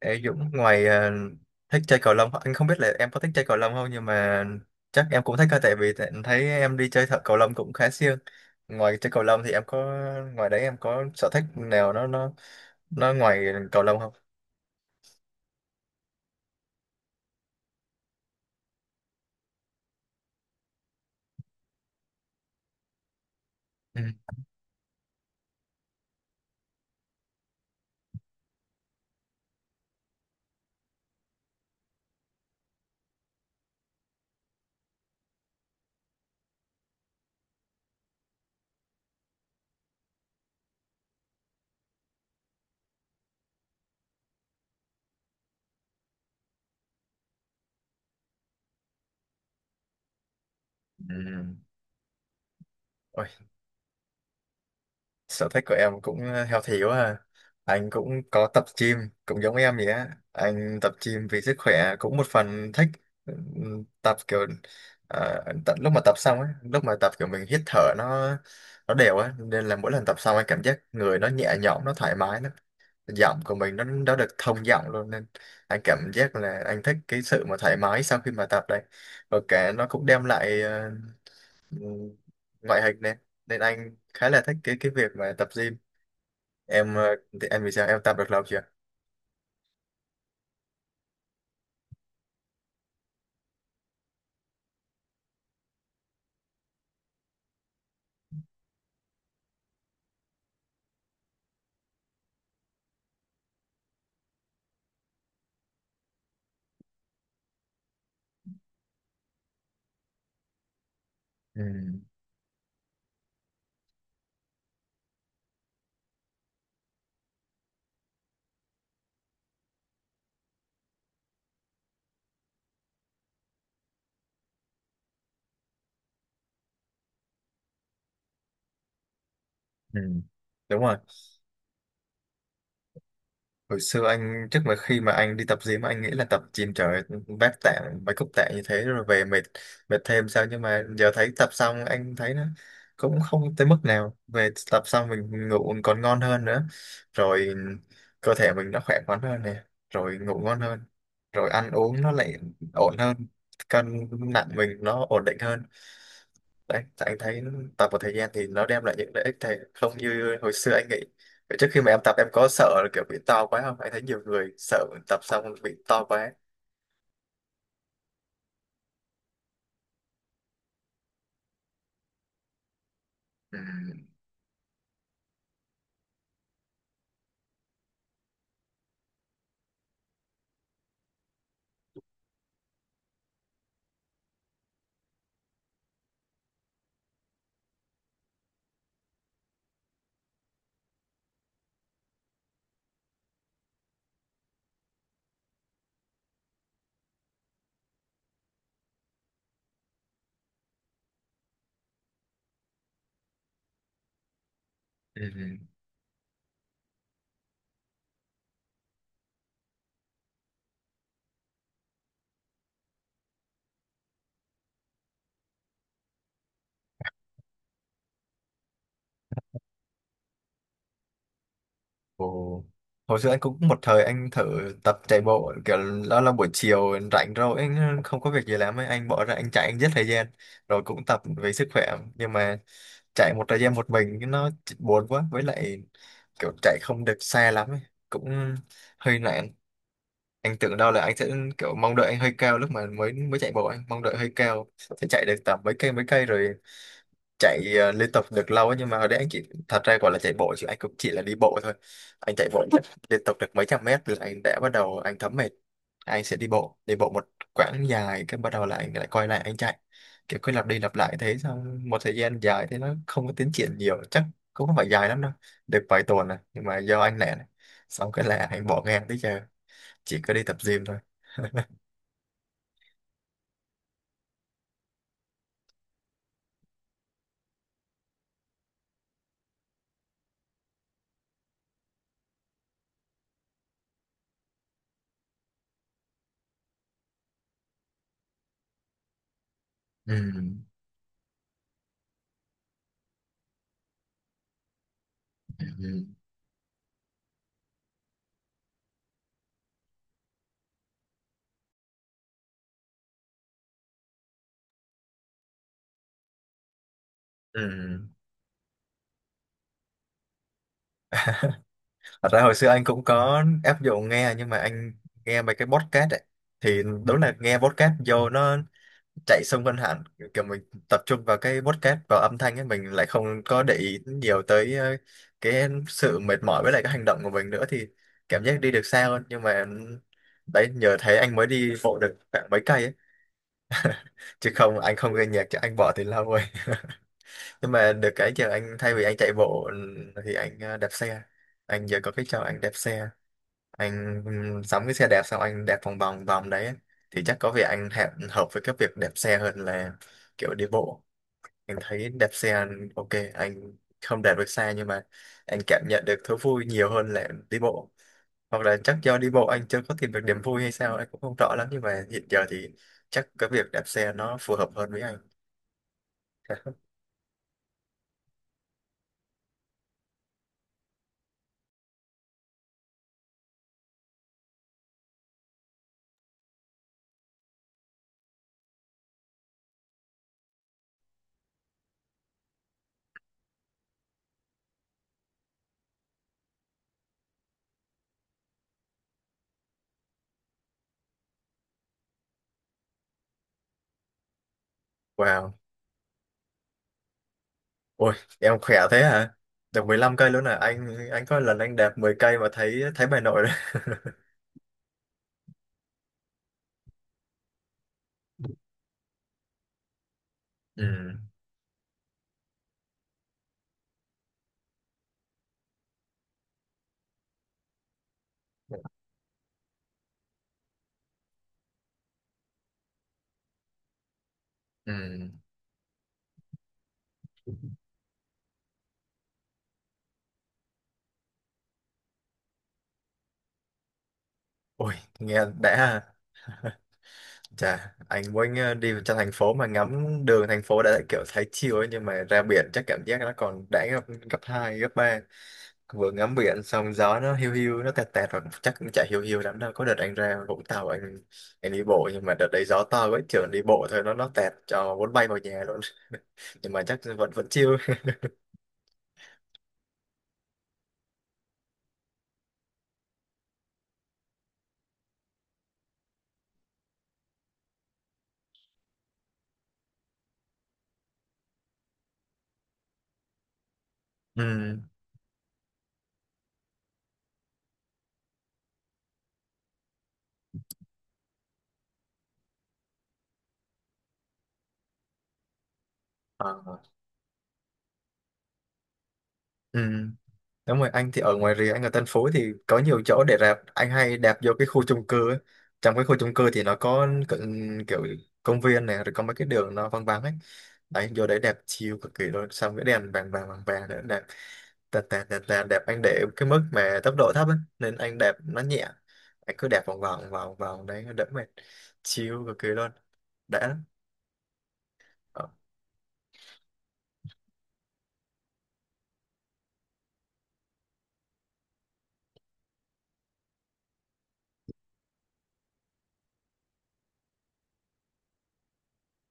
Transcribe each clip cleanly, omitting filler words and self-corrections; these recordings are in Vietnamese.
Ê Dũng, ngoài thích chơi cầu lông, anh không biết là em có thích chơi cầu lông không, nhưng mà chắc em cũng thích thôi, tại vì thấy em đi chơi thợ cầu lông cũng khá siêng. Ngoài chơi cầu lông thì em có, ngoài đấy em có sở thích nào nó ngoài cầu lông không? Ừ. Ừ. Ôi, sở thích của em cũng healthy quá à. Anh cũng có tập gym, cũng giống em vậy á, anh tập gym vì sức khỏe, cũng một phần thích. Tập kiểu tận lúc mà tập xong ấy, lúc mà tập kiểu mình hít thở nó đều á, nên là mỗi lần tập xong anh cảm giác người nó nhẹ nhõm, nó thoải mái, nó giọng của mình nó được thông giọng luôn, nên anh cảm giác là anh thích cái sự mà thoải mái sau khi mà tập đây, và cả nó cũng đem lại ừm, ngoại hình này, nên anh khá là thích cái việc mà tập gym. Em thì anh, vì sao em tập được lâu chưa? Ừ. Ừ. Đúng rồi. Hồi xưa anh, trước mà khi mà anh đi tập gym anh nghĩ là tập gym trời, vác tạ, mấy cúc tạ như thế rồi về mệt, mệt thêm sao. Nhưng mà giờ thấy tập xong anh thấy nó cũng không tới mức nào, về tập xong mình ngủ còn ngon hơn nữa, rồi cơ thể mình nó khỏe khoắn hơn nè, rồi ngủ ngon hơn, rồi ăn uống nó lại ổn hơn, cân nặng mình nó ổn định hơn. Đấy, anh thấy tập một thời gian thì nó đem lại những lợi ích thầy không như hồi xưa anh nghĩ. Vậy trước khi mà em tập, em có sợ là kiểu bị to quá không? Anh thấy nhiều người sợ tập xong bị to quá. Ừ. Ừ. Ồ. Hồi xưa anh cũng một thời anh thử tập chạy bộ kiểu đó, là buổi chiều rảnh rồi anh không có việc gì làm ấy, anh bỏ ra anh chạy, anh giết thời gian, rồi cũng tập vì sức khỏe. Nhưng mà chạy một thời gian một mình cái nó buồn quá, với lại kiểu chạy không được xa lắm ấy, cũng hơi nản. Anh tưởng đâu là anh sẽ kiểu, mong đợi anh hơi cao, lúc mà mới mới chạy bộ anh mong đợi hơi cao sẽ chạy được tầm mấy cây, mấy cây rồi chạy liên tục được lâu ấy. Nhưng mà hồi đấy anh chỉ, thật ra gọi là chạy bộ chứ anh cũng chỉ là đi bộ thôi. Anh chạy bộ chắc liên tục được mấy trăm mét là anh đã bắt đầu anh thấm mệt. Anh sẽ đi bộ một quãng dài, cái bắt đầu là anh lại quay lại anh chạy, kiểu cứ lặp đi lặp lại thế, xong một thời gian dài thế nó không có tiến triển nhiều, chắc cũng không phải dài lắm đâu, được vài tuần này, nhưng mà do anh lẻ này, xong cái là anh bỏ ngang tới giờ chỉ có đi tập gym thôi. Ừ. Ừ. Ừ. Thật ra hồi xưa anh cũng có áp dụng nghe, nhưng mà anh nghe mấy cái podcast ấy, thì đúng là nghe podcast vô nó chạy xung quanh hẳn, kiểu mình tập trung vào cái podcast, vào âm thanh ấy mình lại không có để ý nhiều tới cái sự mệt mỏi với lại cái hành động của mình nữa, thì cảm giác đi được xa hơn. Nhưng mà đấy, nhờ thế anh mới đi bộ được khoảng mấy cây ấy. Chứ không, anh không nghe nhạc chứ anh bỏ thì lâu rồi. Nhưng mà được cái giờ, anh thay vì anh chạy bộ thì anh đạp xe. Anh giờ có cái trò anh đạp xe, anh sắm cái xe đạp xong anh đạp vòng vòng vòng đấy. Thì chắc có vẻ anh hẹp, hợp với cái việc đạp xe hơn là kiểu đi bộ. Anh thấy đạp xe ok, anh không đạt được xa nhưng mà anh cảm nhận được thú vui nhiều hơn là đi bộ. Hoặc là chắc do đi bộ anh chưa có tìm được niềm vui hay sao, anh cũng không rõ lắm, nhưng mà hiện giờ thì chắc cái việc đạp xe nó phù hợp hơn với anh. Wow. Ôi, em khỏe thế hả? Được mười lăm cây luôn à? Anh có lần anh đạp 10 cây mà thấy thấy bà nội đấy. Ừ. Ừ. Ôi, nghe đã ha. Chà, anh muốn đi trong thành phố mà ngắm đường thành phố đã kiểu thấy chill ấy, nhưng mà ra biển chắc cảm giác nó còn đã gấp gấp 2 gấp ba. Vừa ngắm biển xong gió nó hiu hiu, nó tẹt tẹt rồi, chắc cũng chả hiu hiu lắm đâu. Có đợt anh ra Vũng Tàu, anh đi bộ nhưng mà đợt đấy gió to quá trường, đi bộ thôi nó tẹt cho muốn bay vào nhà luôn. Nhưng mà chắc vẫn vẫn chill. Ừ. Ờ. Ừ. Đúng rồi, anh thì ở ngoài rìa, anh ở Tân Phú thì có nhiều chỗ để đạp. Anh hay đạp vô cái khu chung cư ấy. Trong cái khu chung cư thì nó có kiểu công viên này, rồi có mấy cái đường nó vắng vắng ấy. Đấy, vô đấy đẹp chill cực kỳ luôn. Xong cái đèn vàng vàng vàng vàng nữa, đẹp. Tạt tạt tạt tạt, đẹp. Anh để cái mức mà tốc độ thấp ấy. Nên anh đẹp nó nhẹ. Anh cứ đẹp vòng vòng vòng vòng đấy, đỡ mệt. Chill cực kỳ luôn. Đã lắm. Ờ.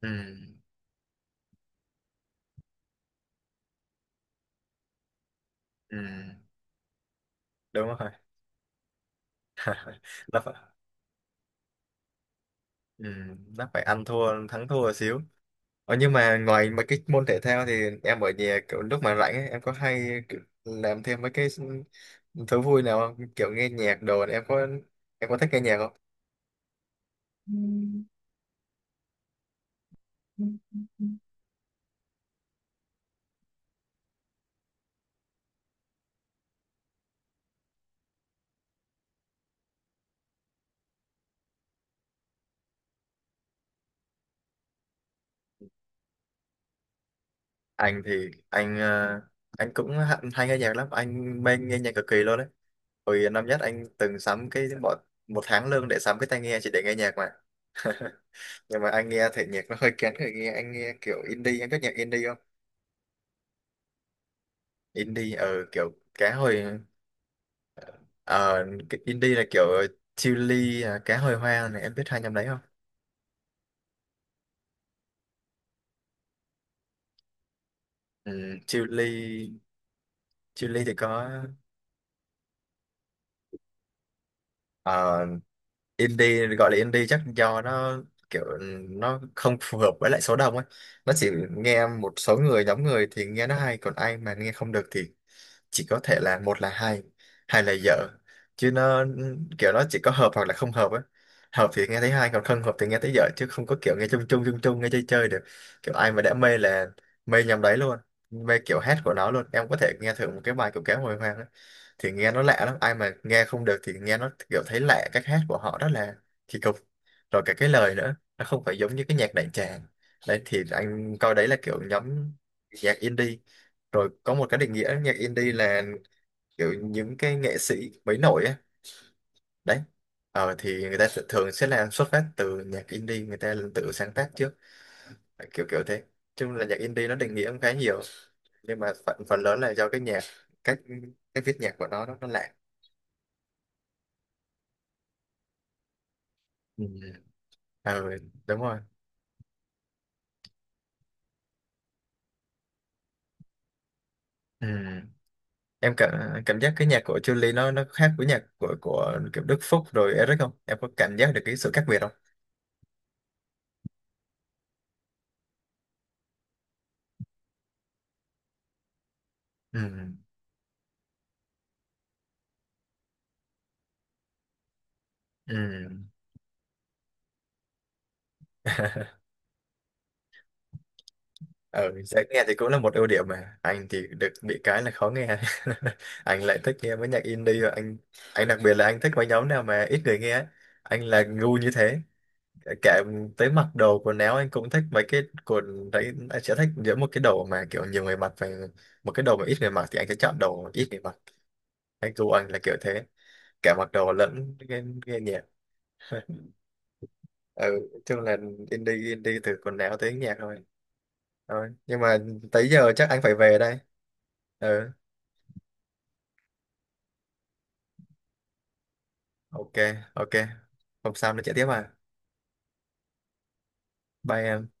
Ừ. Ừ. Đúng rồi. Nó phải. Ừ, nó phải ăn thua thắng thua xíu. Ờ, nhưng mà ngoài mấy cái môn thể thao thì em ở nhà kiểu lúc mà rảnh ấy, em có hay kiểu làm thêm mấy cái thú vui nào không, kiểu nghe nhạc đồ, em có thích nghe nhạc không? Anh thì anh anh cũng hay nghe nhạc lắm, anh mê nghe nhạc cực kỳ luôn đấy. Hồi năm nhất anh từng sắm cái bọn một tháng lương để sắm cái tai nghe chỉ để nghe nhạc mà. Nhưng mà anh nghe thể nhạc nó hơi kén người nghe, anh nghe kiểu indie, anh có nhạc indie không? Indie, ừ, kiểu cá hồi. Ờ, cái indie là kiểu, chili à, cá hồi hoang này, em biết hai nhóm đấy không? Ừ, chili chili thì có. Indie, gọi là indie chắc do nó kiểu nó không phù hợp với lại số đông ấy, nó chỉ nghe một số người, nhóm người thì nghe nó hay, còn ai mà nghe không được thì chỉ có thể là một là hay, hai là dở, chứ nó kiểu nó chỉ có hợp hoặc là không hợp ấy, hợp thì nghe thấy hay, còn không hợp thì nghe thấy dở, chứ không có kiểu nghe chung chung chung chung, nghe chơi chơi được. Kiểu ai mà đã mê là mê nhầm đấy luôn, mê kiểu hát của nó luôn. Em có thể nghe thử một cái bài của Kéo Hồi Hoang ấy, thì nghe nó lạ lắm, ai mà nghe không được thì nghe nó kiểu thấy lạ, cách hát của họ rất là kỳ cục, rồi cả cái lời nữa nó không phải giống như cái nhạc đại tràng. Đấy thì anh coi đấy là kiểu nhóm nhạc indie. Rồi có một cái định nghĩa nhạc indie là kiểu những cái nghệ sĩ mới nổi á. Đấy, thì người ta thường sẽ là xuất phát từ nhạc indie, người ta tự sáng tác trước, kiểu kiểu thế. Chung là nhạc indie nó định nghĩa cũng khá nhiều, nhưng mà phần phần lớn là do cái nhạc, cách cách viết nhạc của nó nó lạ. Ừ. Ừ, đúng rồi. Ừ. Em cảm cảm giác cái nhạc của Chun-Li nó khác với nhạc của kiểu Đức Phúc rồi Eric không, em có cảm giác được cái sự khác biệt không? Ừ. Ừ. Ừ, dễ nghe thì cũng là một ưu điểm, mà anh thì được, bị cái là khó nghe. Anh lại thích nghe mấy nhạc indie, và anh đặc biệt là anh thích mấy nhóm nào mà ít người nghe ấy. Anh là ngu như thế, kể tới mặc đồ quần áo anh cũng thích mấy cái quần đấy, anh sẽ thích giữa một cái đồ mà kiểu nhiều người mặc và một cái đồ mà ít người mặc, thì anh sẽ chọn đồ ít người mặc. Anh du, anh là kiểu thế, cả mặc đồ lẫn nghe nhạc. Ừ, chung là indie, indie từ quần áo tới nhạc thôi thôi Nhưng mà tới giờ chắc anh phải về đây. Ừ. Ok. Ok, hôm sau nó chạy tiếp à? Bye em.